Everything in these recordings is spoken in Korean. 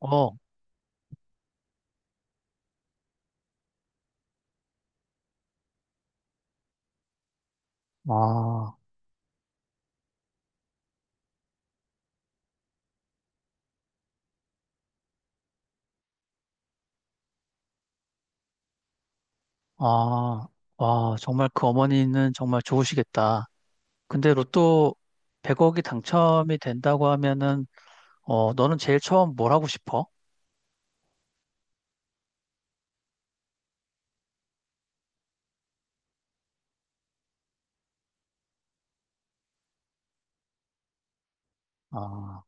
어, 아, 아, 와, 정말 그 어머니는 정말 좋으시겠다. 근데 로또 100억이 당첨이 된다고 하면은, 어, 너는 제일 처음 뭘 하고 싶어? 아,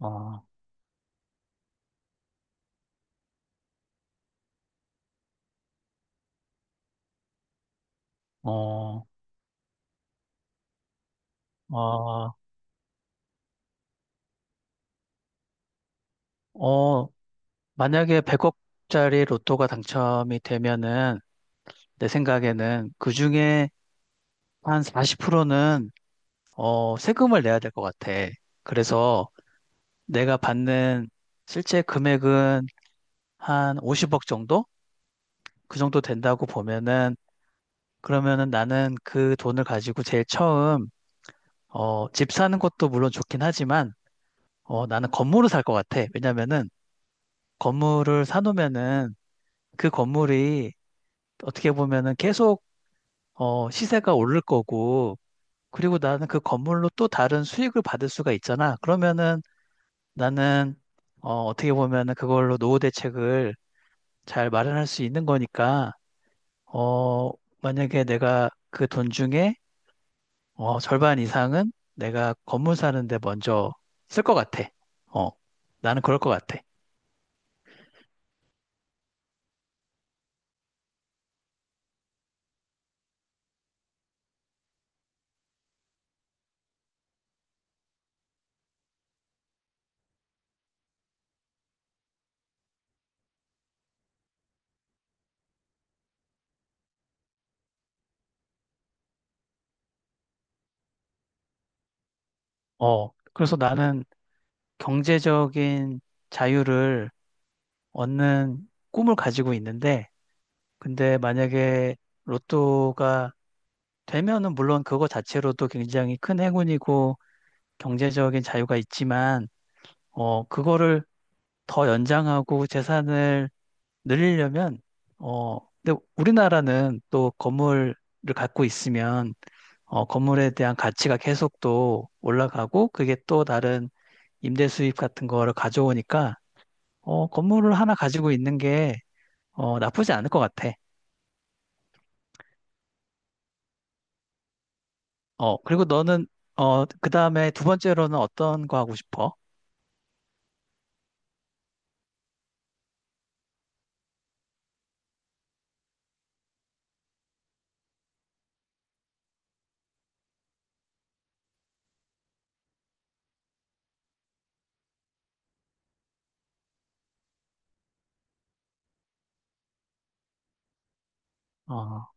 아, 어, 아, 어, 만약에 100억짜리 로또가 당첨이 되면은, 내 생각에는 그 중에 한 40%는, 어, 세금을 내야 될 것 같아. 그래서 내가 받는 실제 금액은 한 50억 정도? 그 정도 된다고 보면은 그러면은 나는 그 돈을 가지고 제일 처음 어, 집 사는 것도 물론 좋긴 하지만 어, 나는 건물을 살 것 같아. 왜냐면은 건물을 사놓으면은 그 건물이 어떻게 보면은 계속 어, 시세가 오를 거고 그리고 나는 그 건물로 또 다른 수익을 받을 수가 있잖아. 그러면은 나는 어, 어떻게 보면은 그걸로 노후 대책을 잘 마련할 수 있는 거니까 어, 만약에 내가 그 돈 중에 어, 절반 이상은 내가 건물 사는데 먼저 쓸 것 같아. 어, 나는 그럴 것 같아. 어, 그래서 나는 경제적인 자유를 얻는 꿈을 가지고 있는데, 근데 만약에 로또가 되면은 물론 그거 자체로도 굉장히 큰 행운이고 경제적인 자유가 있지만, 어, 그거를 더 연장하고 재산을 늘리려면, 어, 근데 우리나라는 또 건물을 갖고 있으면 어, 건물에 대한 가치가 계속 또 올라가고 그게 또 다른 임대 수입 같은 거를 가져오니까 어, 건물을 하나 가지고 있는 게 어, 나쁘지 않을 것 같아. 어, 그리고 너는 어, 그다음에 두 번째로는 어떤 거 하고 싶어? 어,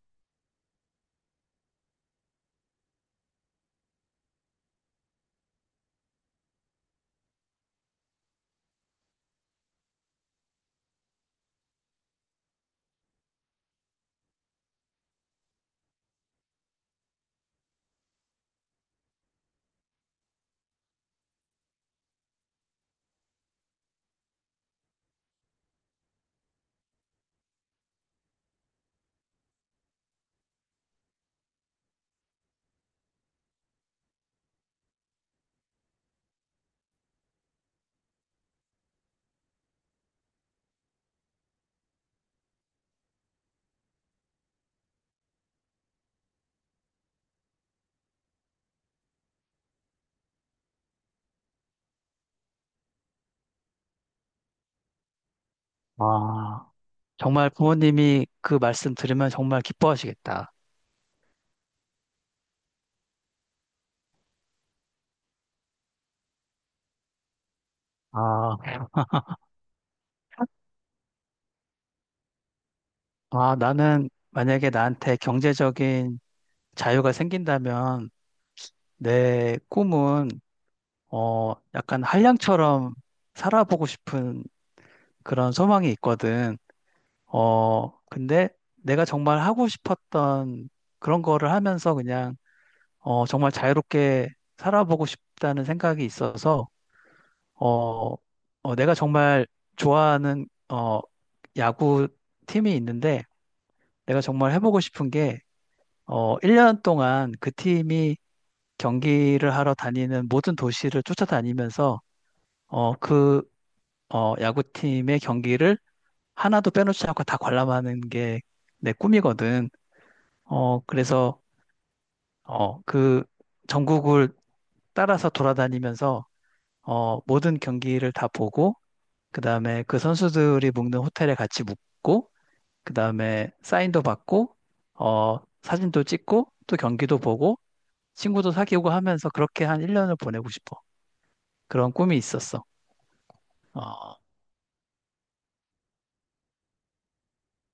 아, 정말 부모님이 그 말씀 들으면 정말 기뻐하시겠다. 아, 아, 나는 만약에 나한테 경제적인 자유가 생긴다면 내 꿈은 어, 약간 한량처럼 살아보고 싶은 그런 소망이 있거든. 어, 근데 내가 정말 하고 싶었던 그런 거를 하면서 그냥, 어, 정말 자유롭게 살아보고 싶다는 생각이 있어서, 어, 어, 내가 정말 좋아하는, 어, 야구 팀이 있는데, 내가 정말 해보고 싶은 게, 어, 1년 동안 그 팀이 경기를 하러 다니는 모든 도시를 쫓아다니면서, 어, 그 어, 야구팀의 경기를 하나도 빼놓지 않고 다 관람하는 게 내 꿈이거든. 어, 그래서, 어, 그 전국을 따라서 돌아다니면서, 어, 모든 경기를 다 보고, 그 다음에 그 선수들이 묵는 호텔에 같이 묵고, 그 다음에 사인도 받고, 어, 사진도 찍고, 또 경기도 보고, 친구도 사귀고 하면서 그렇게 한 1년을 보내고 싶어. 그런 꿈이 있었어. 어,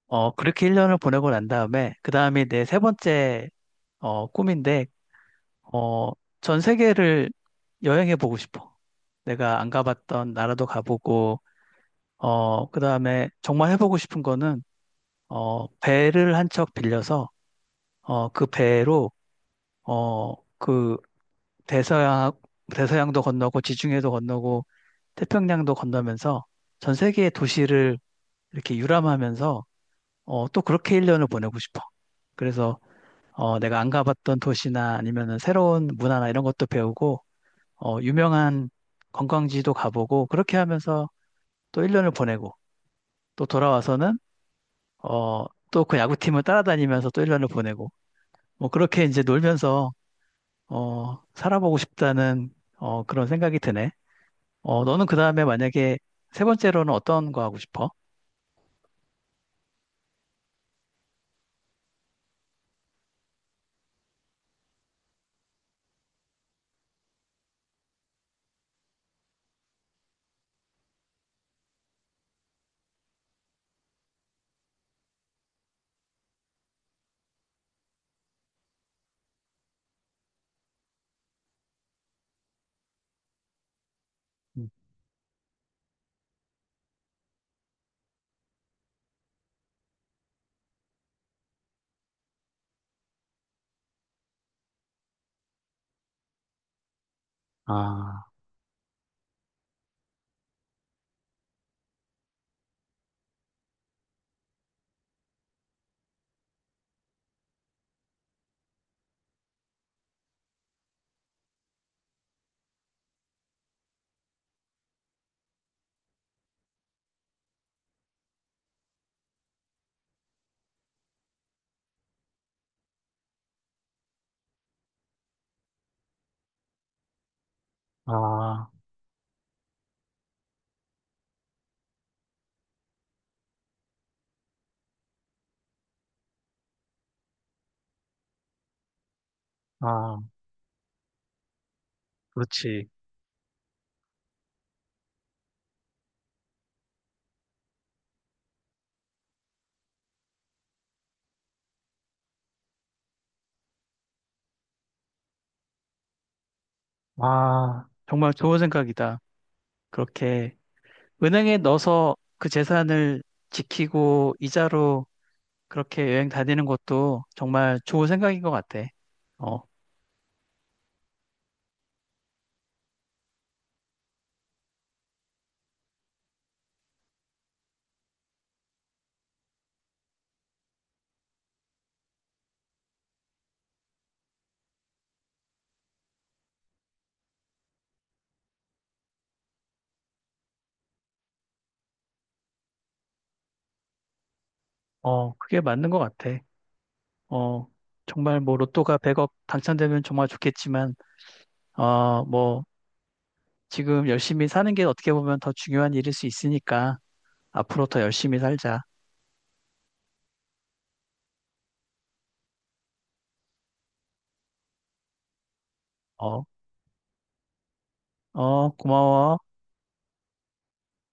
어, 그렇게 1년을 보내고 난 다음에, 그 다음이 내 세 번째 어, 꿈인데, 어, 전 세계를 여행해 보고 싶어. 내가 안 가봤던 나라도 가보고, 어, 그 다음에 정말 해보고 싶은 거는, 어, 배를 한 척 빌려서, 어, 그 배로, 어, 그 대서양, 대서양도 건너고, 지중해도 건너고, 태평양도 건너면서 전 세계의 도시를 이렇게 유람하면서, 어, 또 그렇게 1년을 보내고 싶어. 그래서, 어, 내가 안 가봤던 도시나 아니면은 새로운 문화나 이런 것도 배우고, 어, 유명한 관광지도 가보고 그렇게 하면서 또 1년을 보내고 또 돌아와서는 어, 또 그 야구팀을 따라다니면서 또 1년을 보내고 뭐 그렇게 이제 놀면서 어, 살아보고 싶다는 어, 그런 생각이 드네. 어, 너는 그 다음에 만약에 세 번째로는 어떤 거 하고 싶어? 음. 아, 아, 아, 그렇지. 아, 정말 좋은 생각이다. 그렇게 은행에 넣어서 그 재산을 지키고 이자로 그렇게 여행 다니는 것도 정말 좋은 생각인 것 같아. 어, 어, 그게 맞는 것 같아. 어, 정말 뭐 로또가 100억 당첨되면 정말 좋겠지만, 어, 뭐 지금 열심히 사는 게 어떻게 보면 더 중요한 일일 수 있으니까 앞으로 더 열심히 살자. 어, 어, 고마워.